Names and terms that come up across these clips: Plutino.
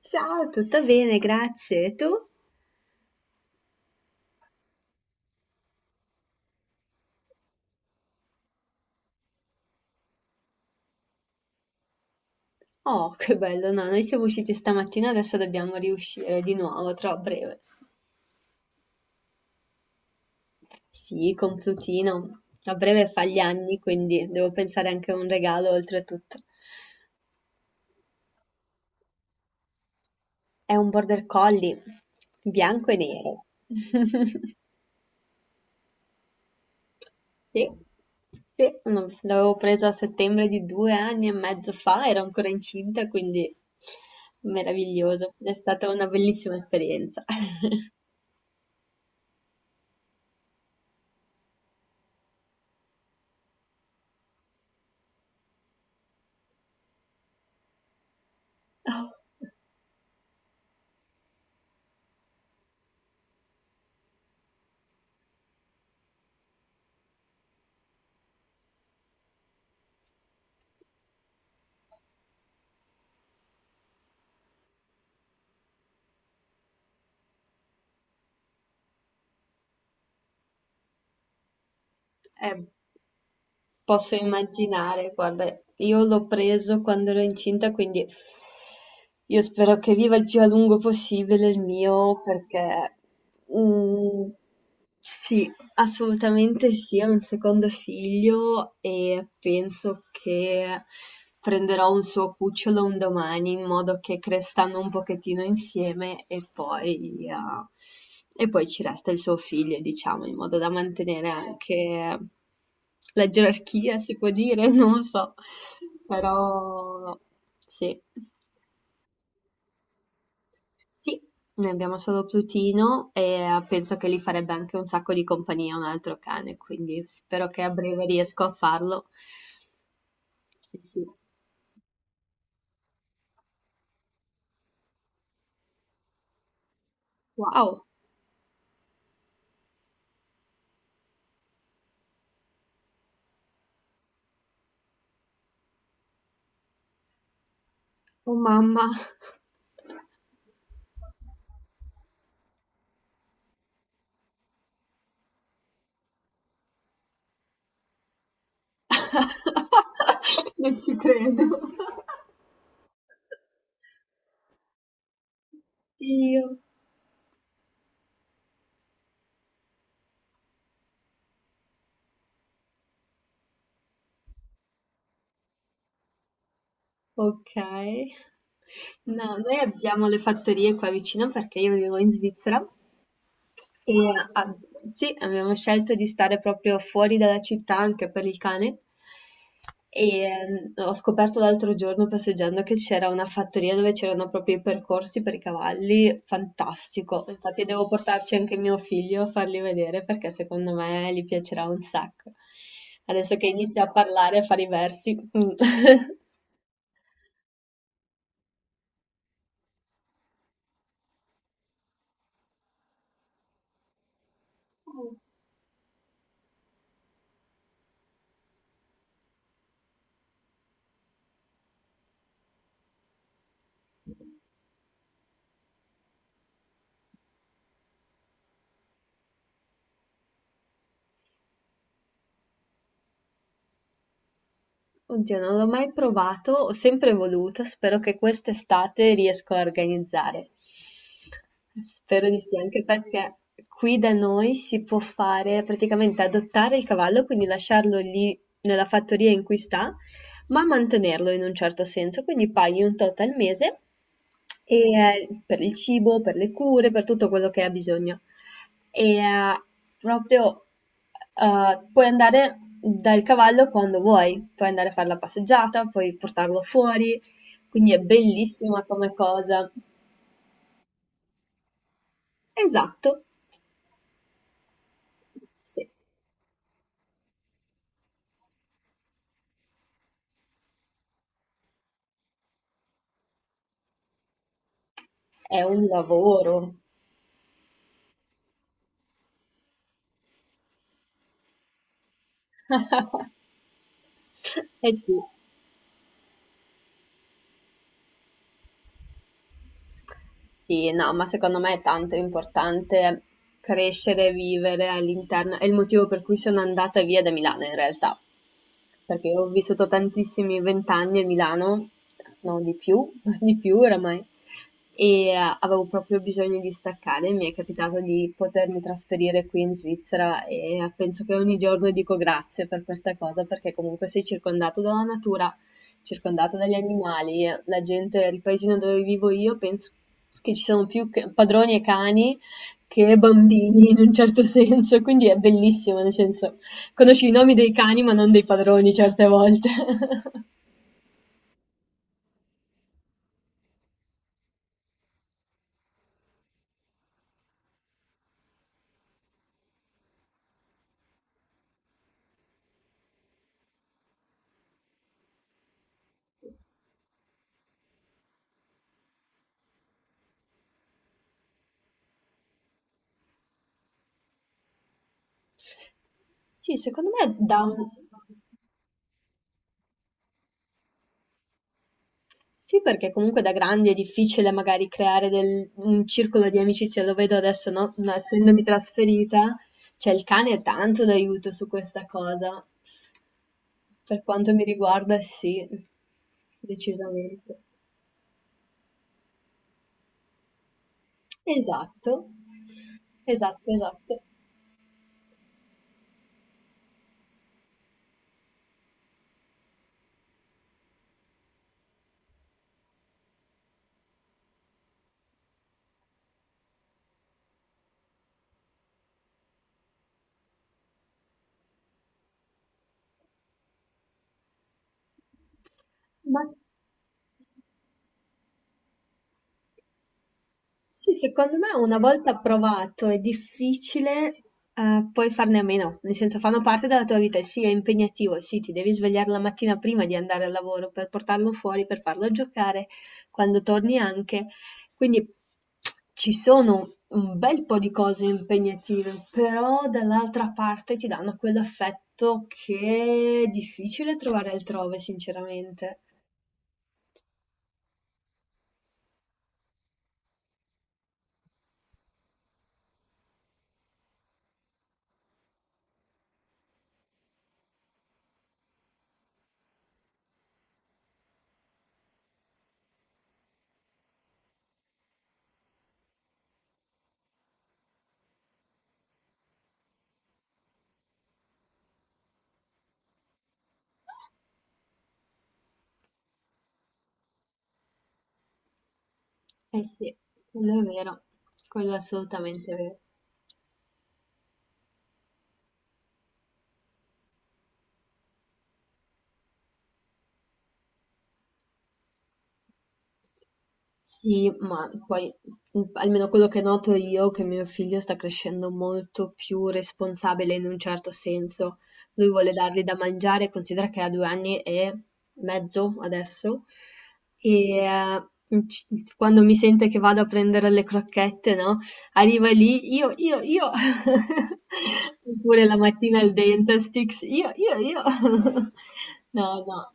Ciao, tutto bene, grazie. E tu? Oh, che bello, no, noi siamo usciti stamattina, adesso dobbiamo riuscire di nuovo, tra breve. Sì, con Plutino. A breve fa gli anni, quindi devo pensare anche a un regalo oltretutto. È un border collie, bianco e nero. Sì, sì, no, l'avevo preso a settembre di due anni e mezzo fa, ero ancora incinta, quindi meraviglioso. È stata una bellissima esperienza. Oh. Eh, posso immaginare, guarda, io l'ho preso quando ero incinta, quindi io spero che viva il più a lungo possibile il mio, perché mm, sì, assolutamente sì, ho un secondo figlio e penso che prenderò un suo cucciolo un domani in modo che crescano un pochettino insieme e poi ci resta il suo figlio, diciamo, in modo da mantenere anche la gerarchia, si può dire, non lo so, però sì. Sì, ne abbiamo solo Plutino e penso che gli farebbe anche un sacco di compagnia un altro cane, quindi spero che a breve riesco a farlo. Sì, sì. Wow, oh mamma. Non ci credo. Io. Ok. No, noi abbiamo le fattorie qua vicino perché io vivo in Svizzera. E a sì, abbiamo scelto di stare proprio fuori dalla città anche per il cane. E ho scoperto l'altro giorno passeggiando che c'era una fattoria dove c'erano proprio i percorsi per i cavalli, fantastico. Infatti devo portarci anche mio figlio a farli vedere perché secondo me gli piacerà un sacco. Adesso che inizia a parlare e a fare i versi. Mm. Oddio, non l'ho mai provato, ho sempre voluto, spero che quest'estate riesco a organizzare. Spero di sì, anche perché qui da noi si può fare praticamente adottare il cavallo, quindi lasciarlo lì nella fattoria in cui sta, ma mantenerlo in un certo senso, quindi paghi un tot al mese e, per il cibo, per le cure, per tutto quello che ha bisogno e proprio puoi andare dal cavallo quando vuoi, puoi andare a fare la passeggiata, puoi portarlo fuori, quindi è bellissima come cosa. Esatto, sì, è un lavoro. Eh sì, sì, no, ma secondo me è tanto importante crescere e vivere all'interno, è il motivo per cui sono andata via da Milano in realtà. Perché ho vissuto tantissimi vent'anni a Milano, no, di più, di più oramai, e avevo proprio bisogno di staccare. Mi è capitato di potermi trasferire qui in Svizzera e penso che ogni giorno dico grazie per questa cosa, perché comunque sei circondato dalla natura, circondato dagli animali, la gente, il paesino dove vivo io, penso che ci sono più padroni e cani che bambini in un certo senso, quindi è bellissimo, nel senso. Conosci i nomi dei cani, ma non dei padroni certe volte. Sì, secondo me da un sì, perché comunque da grandi è difficile magari creare un circolo di amicizia, lo vedo adesso, no? No, essendomi trasferita, cioè il cane è tanto d'aiuto su questa cosa. Per quanto mi riguarda, sì, decisamente. Esatto, esatto, esatto. Ma sì, secondo me una volta approvato è difficile, poi farne a meno, nel senso fanno parte della tua vita, e sì, è impegnativo, sì, ti devi svegliare la mattina prima di andare al lavoro per portarlo fuori, per farlo giocare, quando torni anche. Quindi ci sono un bel po' di cose impegnative, però dall'altra parte ti danno quell'affetto che è difficile trovare altrove, sinceramente. Eh sì, quello è vero, quello è assolutamente vero. Sì, ma poi almeno quello che noto io, è che mio figlio sta crescendo molto più responsabile in un certo senso. Lui vuole dargli da mangiare, considera che ha 2 anni e mezzo adesso, e in c quando mi sente che vado a prendere le crocchette, no, arriva lì: io, io". Oppure la mattina il Dentastix: io, io". No, no.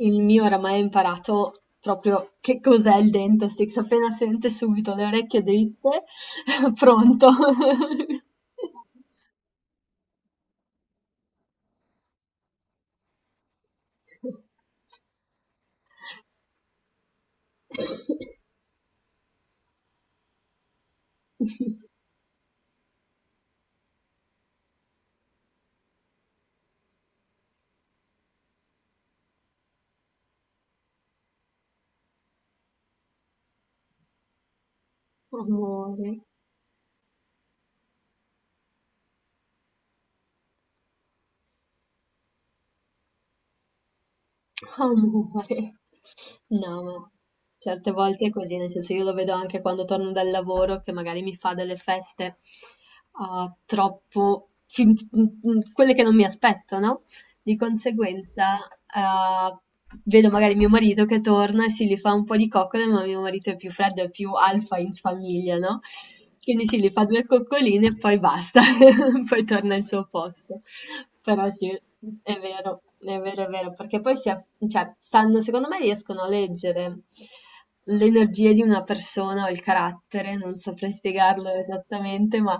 Il mio oramai ha imparato proprio che cos'è il dentistix, appena sente subito le orecchie dritte, pronto. Amore, amore. No, ma certe volte è così, nel senso io lo vedo anche quando torno dal lavoro che magari mi fa delle feste, troppo quelle che non mi aspetto, no? Di conseguenza, ehm, vedo magari mio marito che torna e si li fa un po' di coccole, ma mio marito è più freddo, è più alfa in famiglia, no, quindi sì, gli fa 2 coccoline e poi basta, poi torna al suo posto. Però sì, è vero, è vero, è vero, perché poi si a cioè sanno secondo me riescono a leggere l'energia di una persona o il carattere, non saprei spiegarlo esattamente, ma,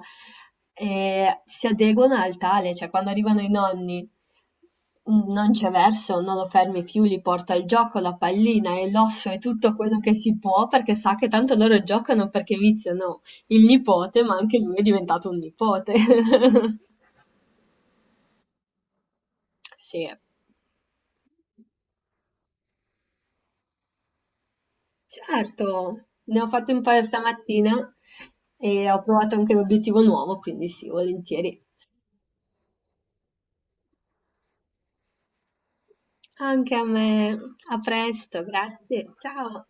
si adeguano al tale, cioè quando arrivano i nonni. Mm. Non c'è verso, non lo fermi più, gli porta il gioco, la pallina e l'osso e tutto quello che si può perché sa che tanto loro giocano perché viziano il nipote, ma anche lui è diventato un nipote. Sì, certo, ne ho fatto un paio stamattina e ho provato anche l'obiettivo nuovo, quindi sì, volentieri. Anche a me. A presto, grazie. Ciao.